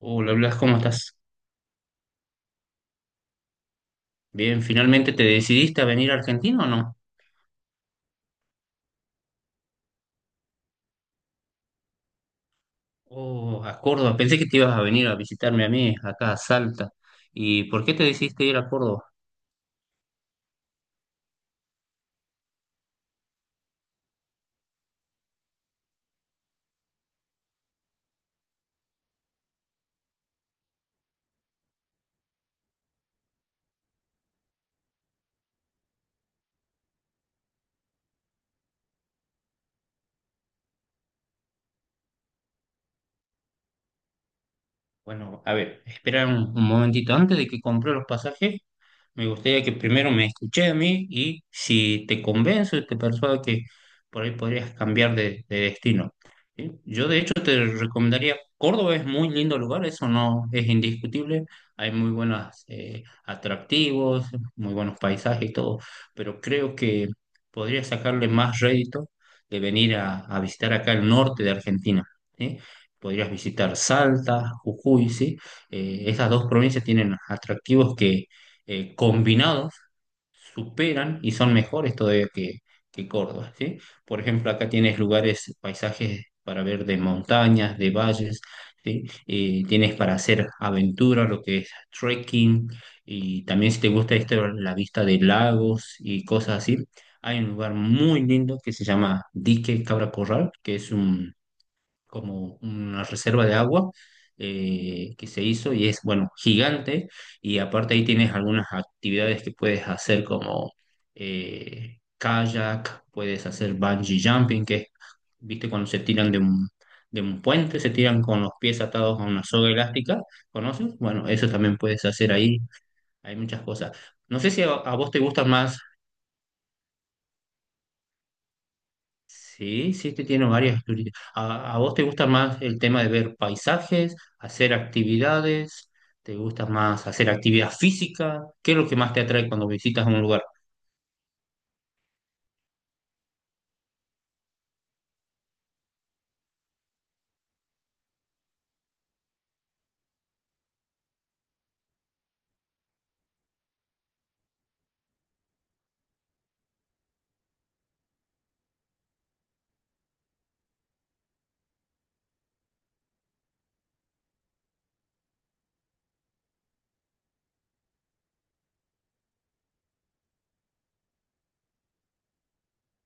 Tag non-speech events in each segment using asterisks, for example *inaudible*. Hola Blas, ¿cómo estás? Bien, ¿finalmente te decidiste a venir a Argentina o no? Oh, a Córdoba, pensé que te ibas a venir a visitarme a mí, acá a Salta. ¿Y por qué te decidiste ir a Córdoba? Bueno, a ver, espera un momentito antes de que compré los pasajes. Me gustaría que primero me escuché a mí y si te convenzo y te persuado que por ahí podrías cambiar de destino. ¿Sí? Yo de hecho te recomendaría, Córdoba es muy lindo lugar, eso no es indiscutible, hay muy buenos atractivos, muy buenos paisajes y todo, pero creo que podría sacarle más rédito de venir a visitar acá el norte de Argentina. ¿Sí? Podrías visitar Salta, Jujuy, ¿sí? Esas dos provincias tienen atractivos que combinados superan y son mejores todavía que Córdoba, ¿sí? Por ejemplo, acá tienes lugares, paisajes para ver de montañas, de valles, ¿sí? Tienes para hacer aventura, lo que es trekking, y también si te gusta esto, la vista de lagos y cosas así. Hay un lugar muy lindo que se llama Dique Cabra Corral, que es un, como una reserva de agua que se hizo y es, bueno, gigante, y aparte ahí tienes algunas actividades que puedes hacer como kayak, puedes hacer bungee jumping, que es, viste, cuando se tiran de de un puente, se tiran con los pies atados a una soga elástica, ¿conoces? Bueno, eso también puedes hacer ahí, hay muchas cosas. No sé si a vos te gustan más. Sí, sí, este tiene varias actividades. A vos te gusta más el tema de ver paisajes, hacer actividades? ¿Te gusta más hacer actividad física? ¿Qué es lo que más te atrae cuando visitas un lugar?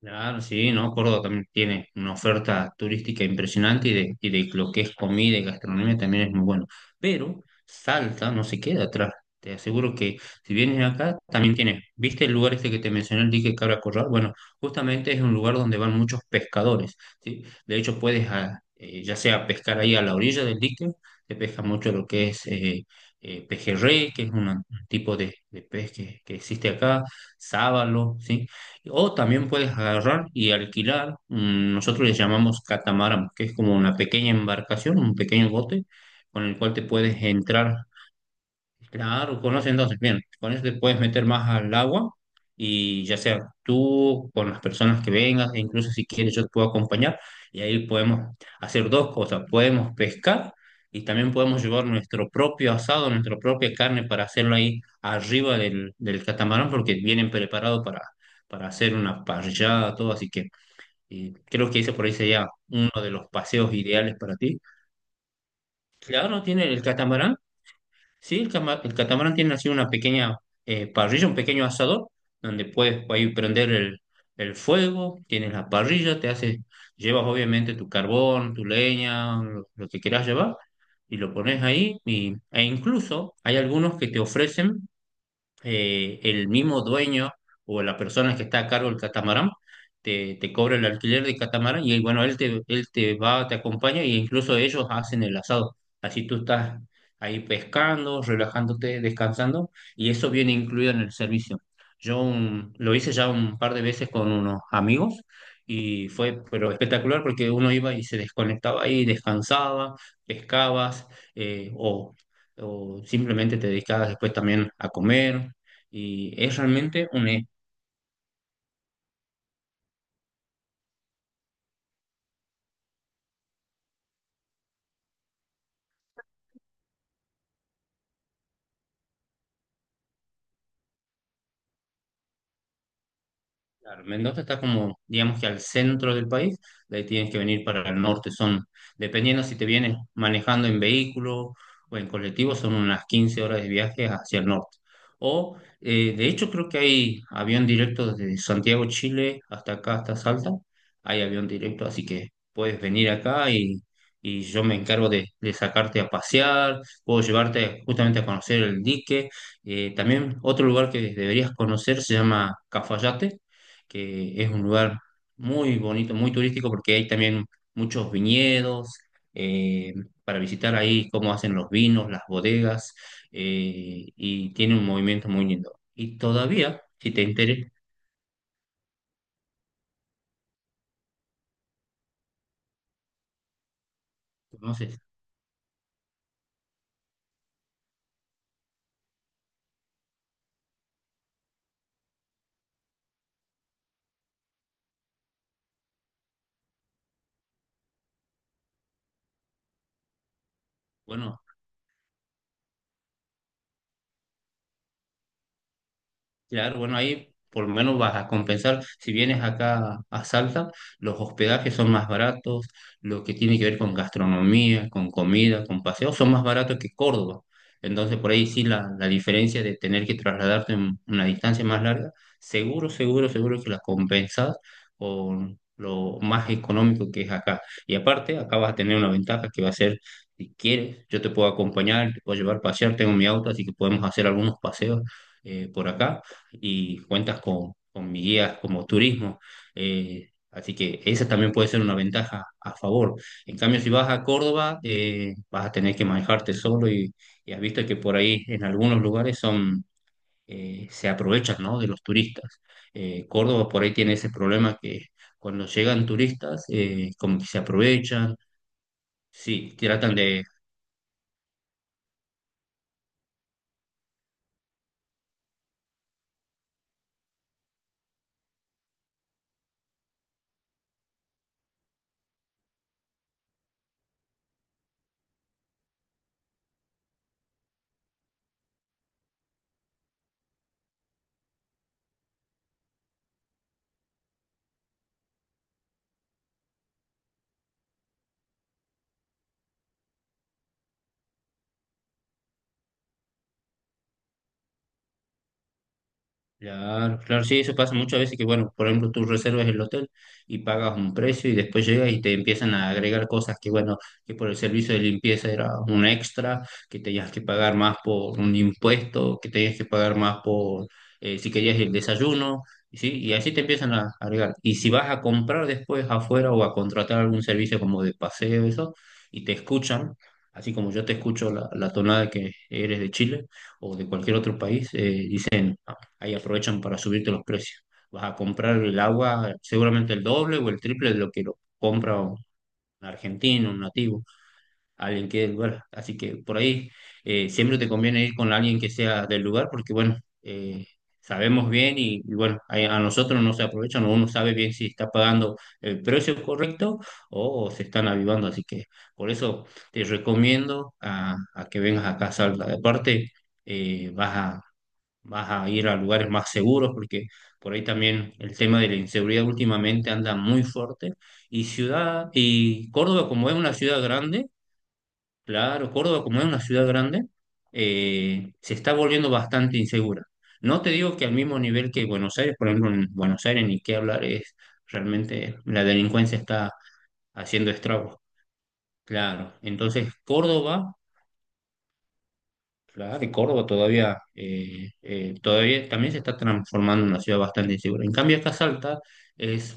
Claro, sí, ¿no? Córdoba también tiene una oferta turística impresionante, y de lo que es comida y gastronomía también es muy bueno. Pero Salta no se queda atrás. Te aseguro que si vienes acá, también tienes. ¿Viste el lugar este que te mencioné, el dique Cabra Corral? Bueno, justamente es un lugar donde van muchos pescadores, ¿sí? De hecho, puedes, ah, ya sea pescar ahí a la orilla del dique, te pesca mucho lo que es pejerrey, que es una- un tipo de pez que existe acá, sábalo, ¿sí? O también puedes agarrar y alquilar, mm, nosotros les llamamos catamarán, que es como una pequeña embarcación, un pequeño bote con el cual te puedes entrar. Claro, conoce entonces, bien, con eso te puedes meter más al agua y ya sea tú, con las personas que vengas, e incluso si quieres yo te puedo acompañar, y ahí podemos hacer dos cosas, podemos pescar y también podemos llevar nuestro propio asado, nuestra propia carne para hacerlo ahí arriba del catamarán, porque vienen preparados para hacer una parrillada, todo, así que y creo que ese por ahí sería uno de los paseos ideales para ti. Claro, tiene el catamarán. Sí, el catamarán tiene así una pequeña parrilla, un pequeño asador, donde puedes ahí prender el fuego, tienes la parrilla, te haces, llevas obviamente tu carbón, tu leña, lo que quieras llevar, y lo pones ahí, y, e incluso hay algunos que te ofrecen, el mismo dueño o la persona que está a cargo del catamarán te cobra el alquiler del catamarán y bueno, él te va, te acompaña, e incluso ellos hacen el asado. Así tú estás ahí pescando, relajándote, descansando y eso viene incluido en el servicio. Lo hice ya un par de veces con unos amigos y fue pero espectacular, porque uno iba y se desconectaba ahí, descansaba, pescabas, eh, o, o simplemente te dedicabas después también a comer y es realmente un, claro, Mendoza está como, digamos que al centro del país, de ahí tienes que venir para el norte, son, dependiendo si te vienes manejando en vehículo o en colectivo, son unas 15 horas de viaje hacia el norte. O, de hecho, creo que hay avión directo desde Santiago, Chile, hasta acá, hasta Salta, hay avión directo, así que puedes venir acá y yo me encargo de sacarte a pasear, puedo llevarte justamente a conocer el dique. También otro lugar que deberías conocer se llama Cafayate, que es un lugar muy bonito, muy turístico, porque hay también muchos viñedos eh, para visitar ahí cómo hacen los vinos, las bodegas, y tiene un movimiento muy lindo. Y todavía, si te interesa, conoces, bueno, claro, bueno, ahí por lo menos vas a compensar. Si vienes acá a Salta, los hospedajes son más baratos, lo que tiene que ver con gastronomía, con comida, con paseos, son más baratos que Córdoba. Entonces, por ahí sí la diferencia de tener que trasladarte en una distancia más larga, seguro, seguro, seguro que la compensas con lo más económico que es acá. Y aparte, acá vas a tener una ventaja que va a ser, si quieres, yo te puedo acompañar, te puedo llevar a pasear, tengo mi auto, así que podemos hacer algunos paseos por acá, y cuentas con mi guía como turismo. Así que esa también puede ser una ventaja a favor. En cambio, si vas a Córdoba, vas a tener que manejarte solo y has visto que por ahí en algunos lugares son, se aprovechan, ¿no?, de los turistas. Córdoba por ahí tiene ese problema que cuando llegan turistas, como que se aprovechan, sí, tratan de claro, claro, sí, eso pasa muchas veces que, bueno, por ejemplo, tú reservas el hotel y pagas un precio y después llegas y te empiezan a agregar cosas que, bueno, que por el servicio de limpieza era un extra, que tenías que pagar más por un impuesto, que tenías que pagar más por si querías el desayuno, y sí, y así te empiezan a agregar. Y si vas a comprar después afuera o a contratar algún servicio como de paseo, eso, y te escuchan, así como yo te escucho la tonada que eres de Chile o de cualquier otro país, dicen ahí, aprovechan para subirte los precios. Vas a comprar el agua seguramente el doble o el triple de lo que lo compra un argentino, un nativo, alguien que es del lugar. Así que por ahí siempre te conviene ir con alguien que sea del lugar porque, bueno, eh, sabemos bien y bueno, a nosotros no se aprovechan, uno sabe bien si está pagando el precio correcto o, se están avivando. Así que por eso te recomiendo a que vengas acá a Salta. Aparte, vas a vas a ir a lugares más seguros, porque por ahí también el tema de la inseguridad últimamente anda muy fuerte. Y ciudad, y Córdoba, como es una ciudad grande, claro, Córdoba, como es una ciudad grande, se está volviendo bastante insegura. No te digo que al mismo nivel que Buenos Aires, por ejemplo, en Buenos Aires ni qué hablar, es realmente la delincuencia está haciendo estragos. Claro, entonces Córdoba, claro, y Córdoba todavía, todavía también se está transformando en una ciudad bastante insegura. En cambio, acá Salta es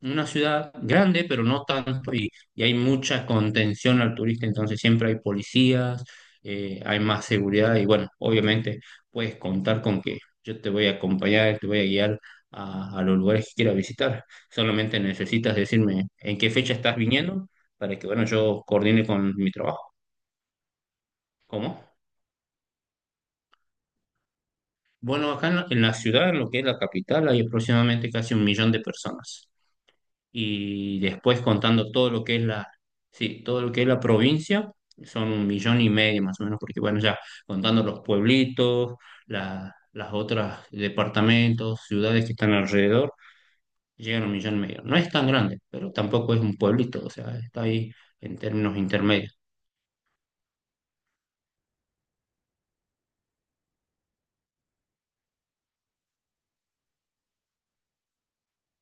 una ciudad grande, pero no tanto, y hay mucha contención al turista, entonces siempre hay policías, hay más seguridad, y bueno, obviamente puedes contar con que yo te voy a acompañar, te voy a guiar a los lugares que quieras visitar. Solamente necesitas decirme en qué fecha estás viniendo para que, bueno, yo coordine con mi trabajo. ¿Cómo? Bueno, acá en en la ciudad, lo que es la capital, hay aproximadamente casi 1 millón de personas. Y después contando todo lo que es la, sí, todo lo que es la provincia, son 1 millón y medio más o menos, porque bueno, ya contando los pueblitos, la- las otras departamentos, ciudades que están alrededor, llegan a 1 millón y medio. No es tan grande, pero tampoco es un pueblito, o sea, está ahí en términos intermedios.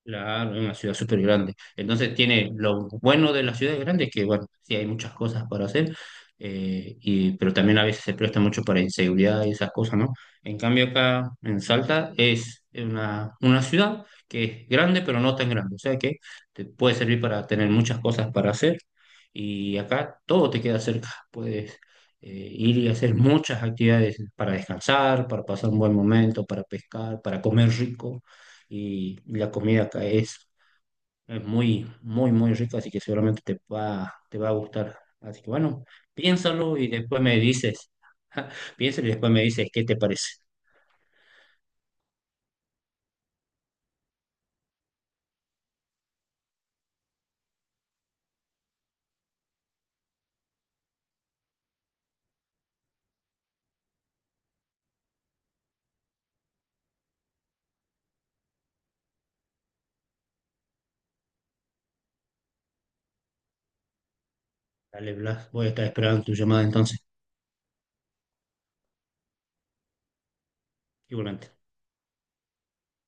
Claro, es una ciudad súper grande. Entonces tiene lo bueno de las ciudades grandes que, bueno, sí hay muchas cosas para hacer, y, pero también a veces se presta mucho para inseguridad y esas cosas, ¿no? En cambio acá en Salta es una ciudad que es grande, pero no tan grande. O sea que te puede servir para tener muchas cosas para hacer y acá todo te queda cerca. Puedes ir y hacer muchas actividades para descansar, para pasar un buen momento, para pescar, para comer rico y la comida acá es muy, muy, muy rica, así que seguramente te va a gustar. Así que bueno, piénsalo y después me dices, *laughs* piénsalo y después me dices qué te parece. Dale, Blas, voy a estar esperando tu llamada entonces, igualmente.